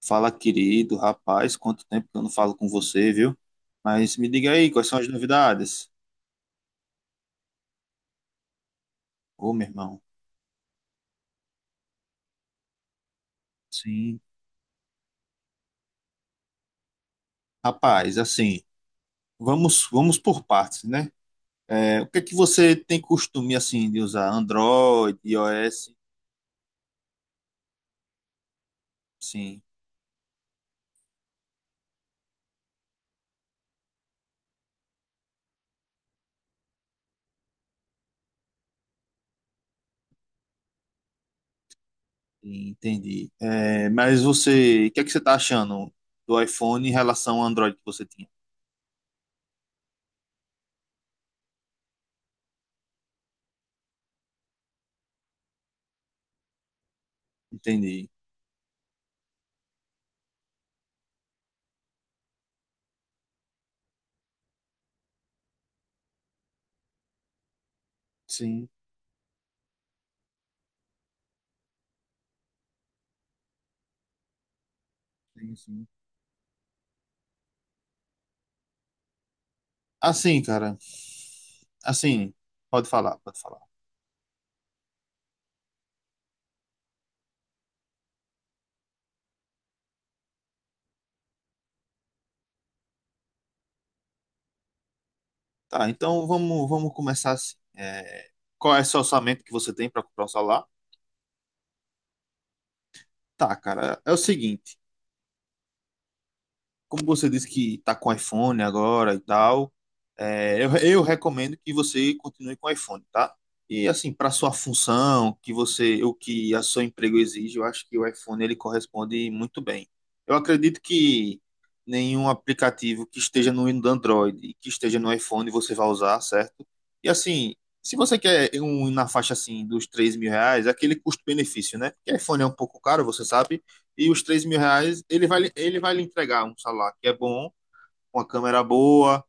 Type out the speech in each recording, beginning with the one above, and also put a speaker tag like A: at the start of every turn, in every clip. A: Fala, querido rapaz, quanto tempo que eu não falo com você, viu? Mas me diga aí, quais são as novidades? Ô, meu irmão, sim. Rapaz, assim, vamos por partes, né? É, o que é que você tem costume, assim, de usar? Android, iOS? Sim, entendi. É, mas você, o que é que você tá achando do iPhone em relação ao Android que você tinha? Entendi. Sim, sim, sim. Assim, cara, assim, pode falar, pode falar. Tá, então vamos começar assim. É, qual é esse orçamento que você tem para comprar o celular? Tá, cara, é o seguinte. Como você disse que está com iPhone agora e tal, eu recomendo que você continue com iPhone, tá? E assim, para sua função, que você, o que a seu emprego exige, eu acho que o iPhone ele corresponde muito bem. Eu acredito que nenhum aplicativo que esteja no Android e que esteja no iPhone você vai usar, certo? E assim, se você quer um na faixa assim dos 3 mil reais, é aquele custo-benefício, né? Porque iPhone é um pouco caro, você sabe e os 3 mil reais ele vai lhe entregar um celular que é bom, uma câmera boa,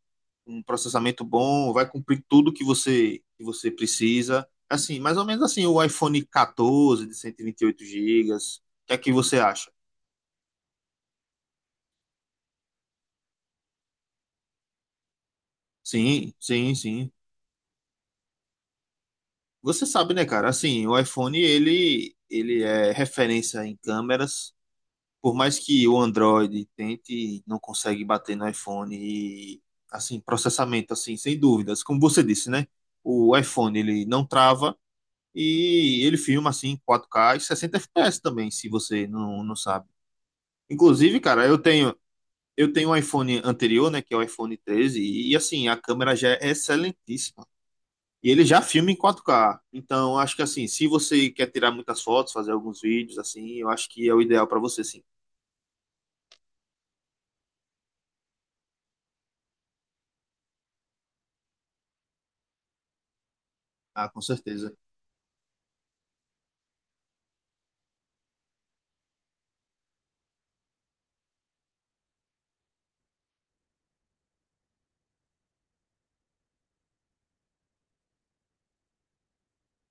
A: um processamento bom, vai cumprir tudo que você precisa. Assim, mais ou menos assim, o iPhone 14 de cento e vinte e oito gigas. O que é que você acha? Sim, sim, sim. Você sabe, né, cara? Assim, o iPhone ele é referência em câmeras. Por mais que o Android tente, não consegue bater no iPhone e, assim, processamento, assim, sem dúvidas. Como você disse, né? O iPhone, ele não trava e ele filma, assim, em 4K e 60 FPS também, se você não, não sabe. Inclusive, cara, eu tenho um iPhone anterior, né, que é o iPhone 13, e, assim, a câmera já é excelentíssima. E ele já filma em 4K. Então, acho que, assim, se você quer tirar muitas fotos, fazer alguns vídeos, assim, eu acho que é o ideal para você, sim. Ah, com certeza.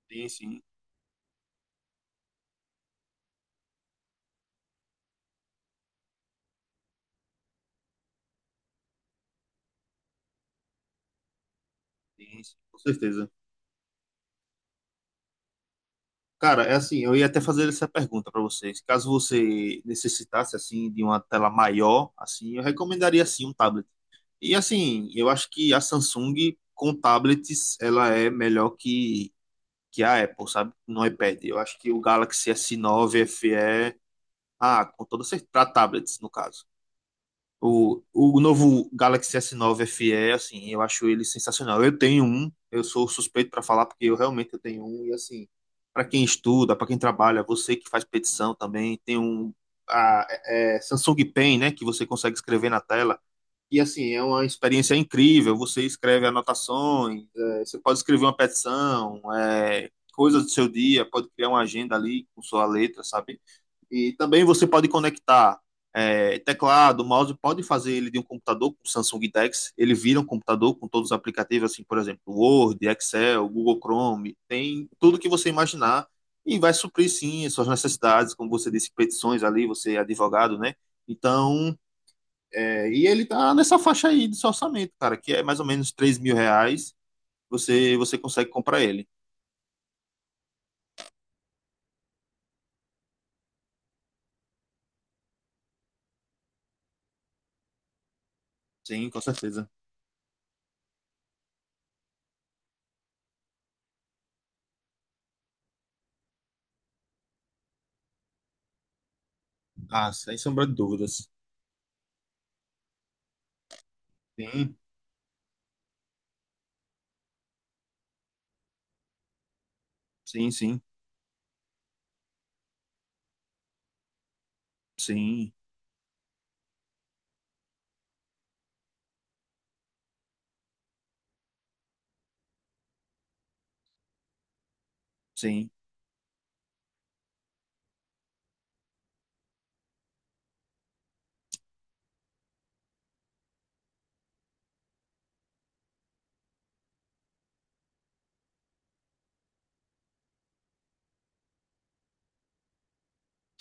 A: Sim, sim. Sim, sim, com certeza. Cara, é assim, eu ia até fazer essa pergunta para vocês. Caso você necessitasse assim de uma tela maior, assim, eu recomendaria assim um tablet. E assim, eu acho que a Samsung com tablets ela é melhor que a Apple, sabe? No iPad. Eu acho que o Galaxy S9 FE, ah, com toda certeza, para tablets no caso. O novo Galaxy S9 FE, assim, eu acho ele sensacional. Eu tenho um, eu sou suspeito para falar porque eu realmente eu tenho um e assim, para quem estuda, para quem trabalha, você que faz petição também, tem um Samsung Pen, né, que você consegue escrever na tela. E assim, é uma experiência incrível. Você escreve anotações, é, você pode escrever uma petição, é, coisas do seu dia, pode criar uma agenda ali com sua letra, sabe? E também você pode conectar é, teclado, mouse, pode fazer ele de um computador com Samsung Dex, ele vira um computador com todos os aplicativos, assim, por exemplo, Word, Excel, Google Chrome, tem tudo que você imaginar e vai suprir, sim, as suas necessidades, como você disse, petições ali, você é advogado, né? Então, é, e ele tá nessa faixa aí de seu orçamento, cara, que é mais ou menos 3 mil reais, você, você consegue comprar ele. Sim, com certeza. Ah, sem sombra de dúvidas. Sim, sim, sim, sim, sim.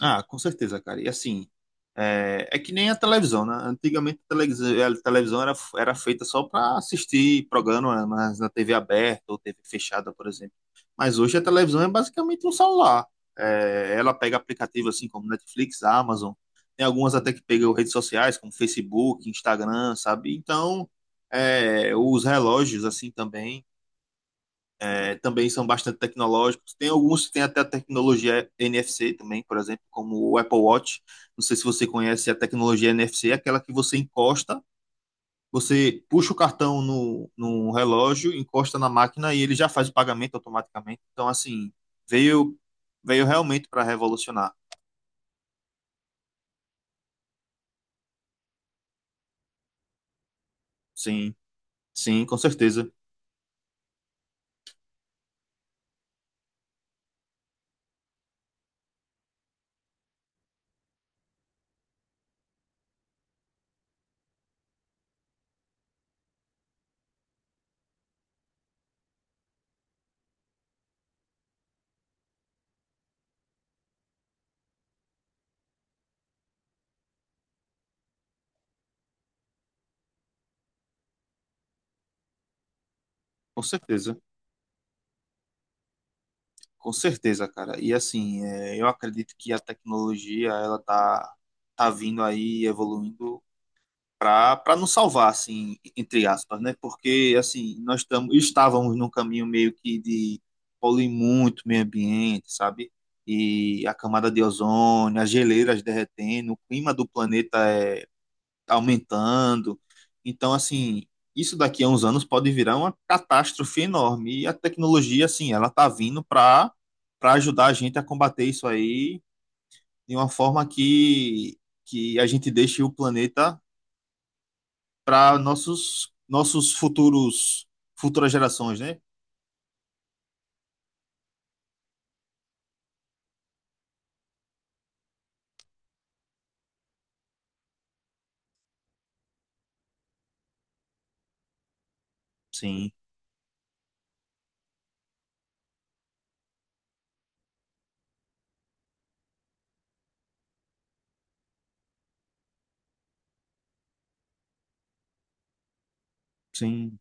A: Ah, com certeza, cara. E assim, é, é que nem a televisão, né? Antigamente a televisão, era feita só para assistir programa mas na TV aberta ou TV fechada, por exemplo. Mas hoje a televisão é basicamente um celular. É, ela pega aplicativos assim como Netflix, Amazon, tem algumas até que pegam redes sociais como Facebook, Instagram, sabe? Então, é, os relógios assim também é, também são bastante tecnológicos. Tem alguns que têm até a tecnologia NFC também, por exemplo, como o Apple Watch. Não sei se você conhece a tecnologia NFC, é aquela que você encosta, você puxa o cartão no relógio, encosta na máquina e ele já faz o pagamento automaticamente. Então, assim, veio, veio realmente para revolucionar. Sim, sim, com certeza, com certeza, com certeza, cara. E assim, é, eu acredito que a tecnologia, ela tá vindo aí, evoluindo para nos salvar, assim, entre aspas, né? Porque, assim, estávamos num caminho meio que de poluir muito o meio ambiente, sabe? E a camada de ozônio, as geleiras derretendo, o clima do planeta é aumentando. Então, assim, isso daqui a uns anos pode virar uma catástrofe enorme. E a tecnologia, assim, ela tá vindo para ajudar a gente a combater isso aí de uma forma que a gente deixe o planeta para nossos nossos futuros futuras gerações, né? Sim, sim.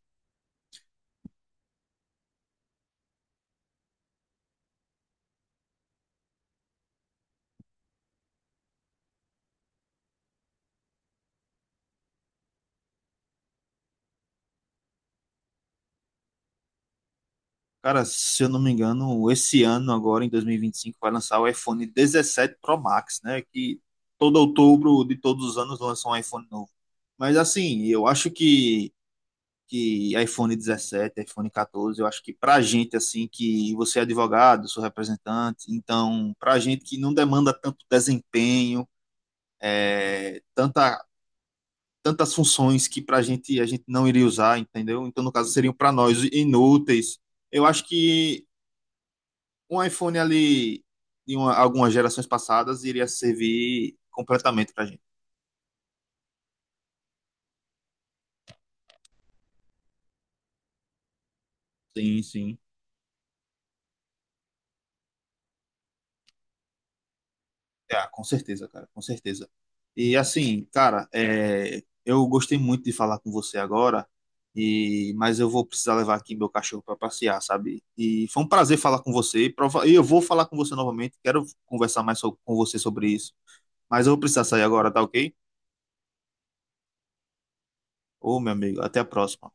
A: Cara, se eu não me engano, esse ano agora em 2025 vai lançar o iPhone 17 Pro Max, né? Que todo outubro de todos os anos lança um iPhone novo. Mas assim, eu acho que iPhone 17, iPhone 14, eu acho que pra gente assim que você é advogado, sou representante, então pra gente que não demanda tanto desempenho, é, tantas funções que para a gente não iria usar, entendeu? Então, no caso, seriam para nós inúteis. Eu acho que um iPhone ali de uma- algumas gerações passadas iria servir completamente para gente. Sim, sim. É, com certeza, cara, com certeza. E assim, cara, é, eu gostei muito de falar com você agora, e mas eu vou precisar levar aqui meu cachorro para passear, sabe? E foi um prazer falar com você. E prova- e eu vou falar com você novamente. Quero conversar mais so- com você sobre isso. Mas eu vou precisar sair agora, tá ok? Ô, meu amigo, até a próxima.